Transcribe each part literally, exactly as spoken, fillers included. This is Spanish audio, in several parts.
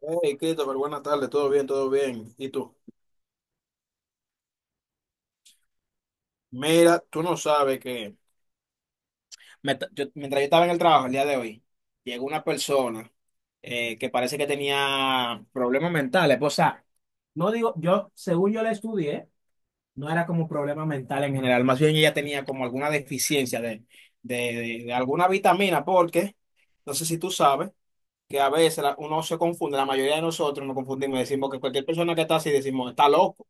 Hey, Christopher, buenas tardes, todo bien, todo bien. ¿Y tú? Mira, tú no sabes que me ta- yo- mientras yo estaba en el trabajo el día de hoy, llegó una persona eh, que parece que tenía problemas mentales. Pues, o sea, no digo, yo, según yo la estudié, no era como problema mental en general, más bien ella tenía como alguna deficiencia de, de, de- de alguna vitamina, porque no sé si tú sabes que a veces la- uno se confunde, la mayoría de nosotros nos confundimos, decimos que cualquier persona que está así, decimos, está loco,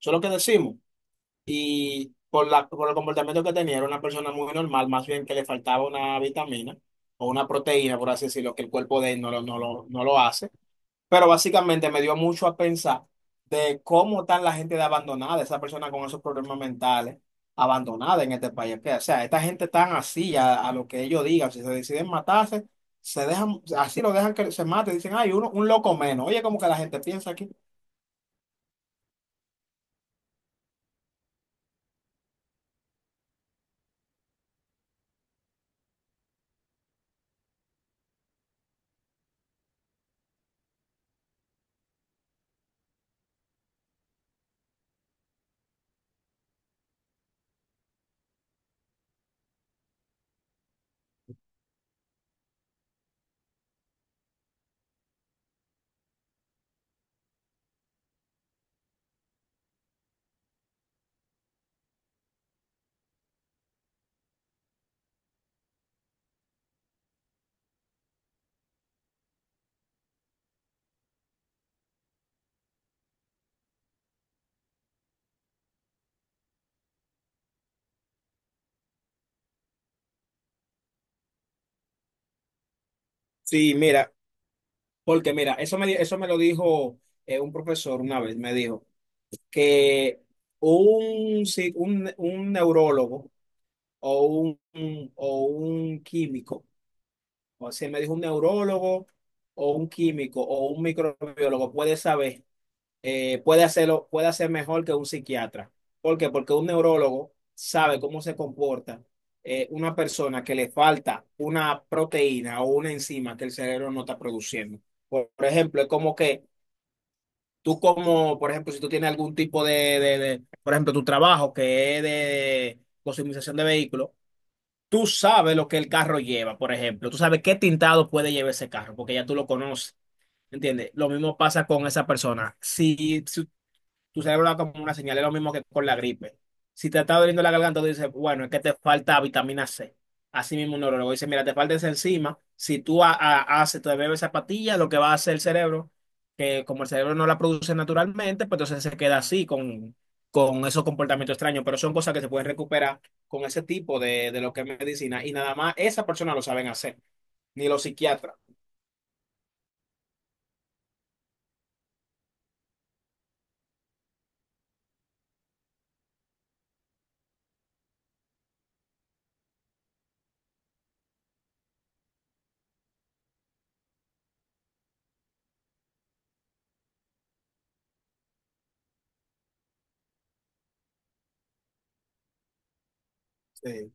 eso es lo que decimos. Y por la, por el comportamiento que tenía, era una persona muy normal, más bien que le faltaba una vitamina o una proteína, por así decirlo, que el cuerpo de él no lo, no lo, no lo hace. Pero básicamente me dio mucho a pensar de cómo están la gente de abandonada, esa persona con esos problemas mentales, abandonada en este país. Que, o sea, esta gente tan así a, a lo que ellos digan, si se deciden matarse, se dejan, así lo dejan que se mate, dicen, ay, uno, un loco menos. Oye, como que la gente piensa aquí. Sí, mira. Porque mira, eso me, di- eso me lo dijo eh, un profesor una vez, me dijo que un, si- un, un neurólogo o un, un- o un químico, o sea, me dijo un neurólogo o un químico o un microbiólogo puede saber, eh, puede hacerlo, puede hacer mejor que un psiquiatra. ¿Por qué? Porque un neurólogo sabe cómo se comporta eh, una persona que le falta una proteína o una enzima que el cerebro no está produciendo. Por por ejemplo, es como que tú como, por ejemplo, si tú tienes algún tipo de, de- de- por ejemplo, tu trabajo que es de customización de vehículos, tú sabes lo que el carro lleva, por ejemplo. Tú sabes qué tintado puede llevar ese carro, porque ya tú lo conoces, ¿entiendes? Lo mismo pasa con esa persona. Si, si tu cerebro da como una señal, es lo mismo que con la gripe. Si te está doliendo la garganta, tú dices, bueno, es que te falta vitamina C. Así mismo un neurólogo dice, mira, te falta esa enzima. Si tú ha- ha- haces, te bebes esa pastilla, lo que va a hacer el cerebro, que como el cerebro no la produce naturalmente, pues entonces se queda así con, con esos comportamientos extraños. Pero son cosas que se pueden recuperar con ese tipo de, de lo que es medicina. Y nada más esa persona lo saben hacer, ni los psiquiatras. Sí,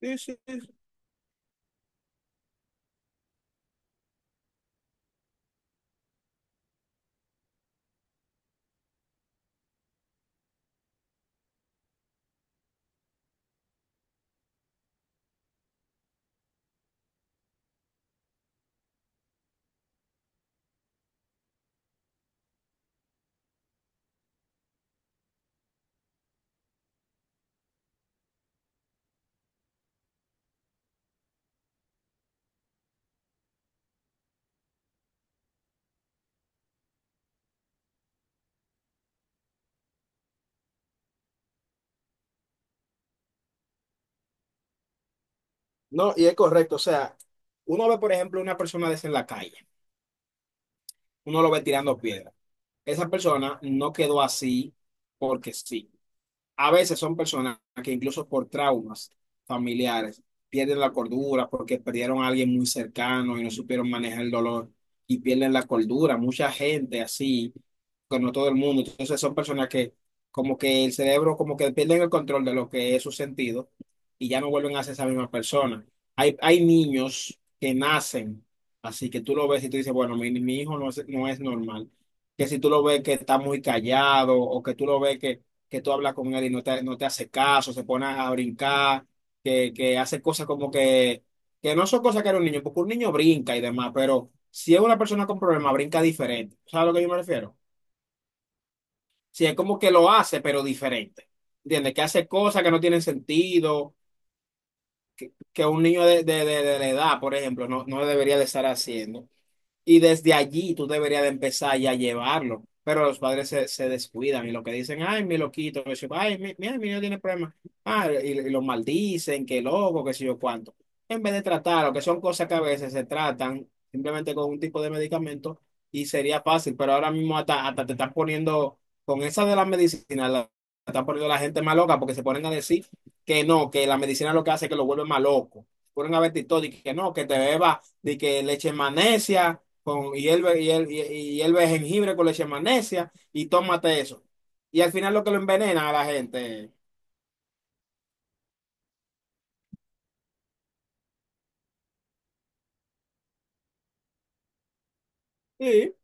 sí, sí, sí. No, y es correcto. O sea, uno ve, por ejemplo, una persona de esa en la calle. Uno lo va tirando piedra. Esa persona no quedó así porque sí. A veces son personas que incluso por traumas familiares pierden la cordura porque perdieron a alguien muy cercano y no supieron manejar el dolor y pierden la cordura. Mucha gente así, pero no todo el mundo. Entonces son personas que como que el cerebro como que pierden el control de lo que es su sentido y ya no vuelven a ser esa misma persona. Hay, hay niños que nacen así que tú lo ves y tú dices, bueno, mi, mi hijo no es, no es normal. Que si tú lo ves que está muy callado o que tú lo ves que que tú hablas con él y no te, no te hace caso, se pone a brincar, que, que hace cosas como que, que no son cosas que era un niño, porque un niño brinca y demás, pero si es una persona con problemas, brinca diferente. ¿Sabes a lo que yo me refiero? Si es como que lo hace, pero diferente. ¿Entiendes? Que hace cosas que no tienen sentido, que un niño de, de, de, de la edad, por ejemplo, no, no debería de estar haciendo. Y desde allí tú deberías de empezar ya a llevarlo. Pero los padres se, se descuidan y lo que dicen, ay, mi loquito, que sé yo, ay, mi, mira, mi niño tiene problemas. Ah, y, y lo maldicen, que loco, que sé yo cuánto. En vez de tratarlo, que son cosas que a veces se tratan simplemente con un tipo de medicamento y sería fácil, pero ahora mismo hasta, hasta te están poniendo, con esa de la medicina, la, están poniendo la gente más loca porque se ponen a decir que no, que la medicina lo que hace es que lo vuelve más loco. Ponen a ver TikTok y que no, que te beba, de que leche magnesia con hierve, hiel- hi- hierve jengibre con leche de magnesia y tómate eso. Y al final lo que lo envenena a la gente. Sí,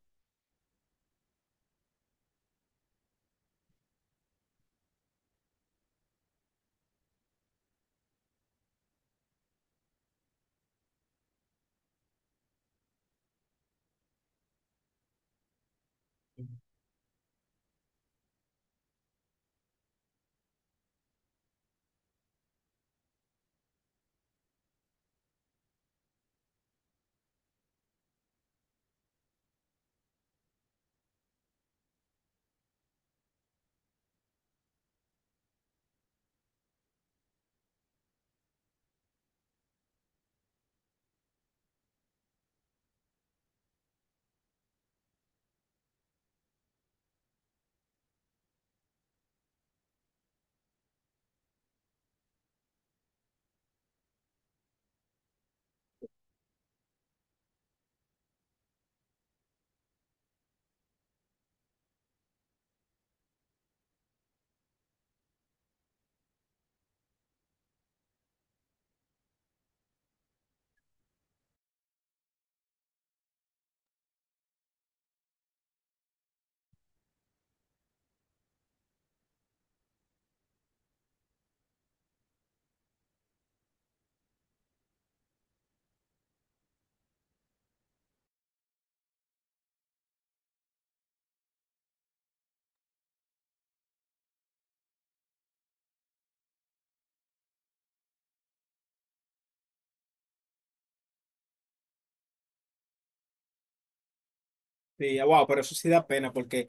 sí, wow, pero eso sí da pena porque,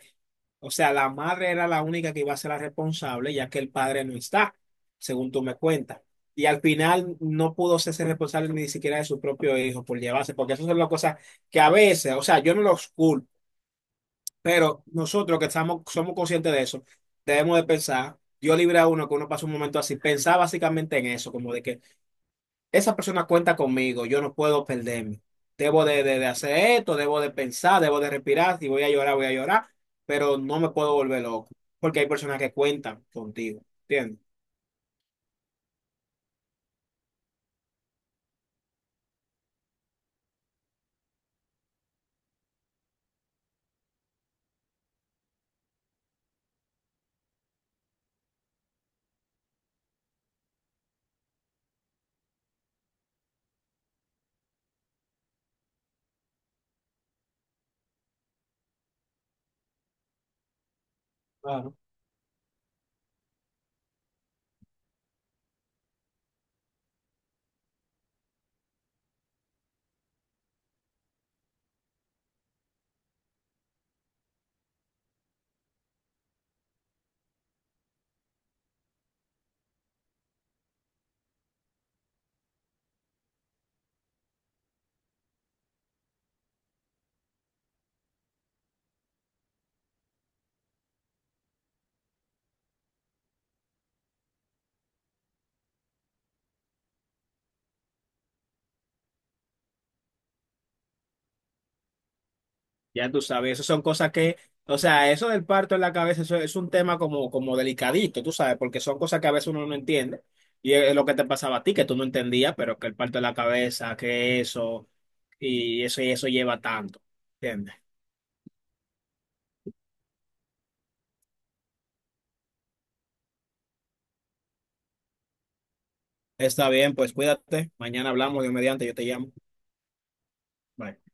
o sea, la madre era la única que iba a ser la responsable ya que el padre no está, según tú me cuentas. Y al final no pudo ser responsable ni siquiera de su propio hijo por llevarse, porque eso son las cosas que a veces, o sea, yo no los culpo. Pero nosotros que estamos, somos conscientes de eso, debemos de pensar, Dios libre a uno que uno pasa un momento así, pensar básicamente en eso, como de que esa persona cuenta conmigo, yo no puedo perderme, debo de, de- de hacer esto, debo de pensar, debo de respirar, si voy a llorar, voy a llorar, pero no me puedo volver loco, porque hay personas que cuentan contigo, ¿entiendes? Ya tú sabes, eso son cosas que, o sea, eso del parto en la cabeza, eso es un tema como, como delicadito, tú sabes, porque son cosas que a veces uno no entiende. Y es lo que te pasaba a ti, que tú no entendías, pero que el parto en la cabeza, que eso, y eso y eso lleva tanto, ¿entiendes? Está bien, pues cuídate. Mañana hablamos, Dios mediante, yo te llamo. Bye.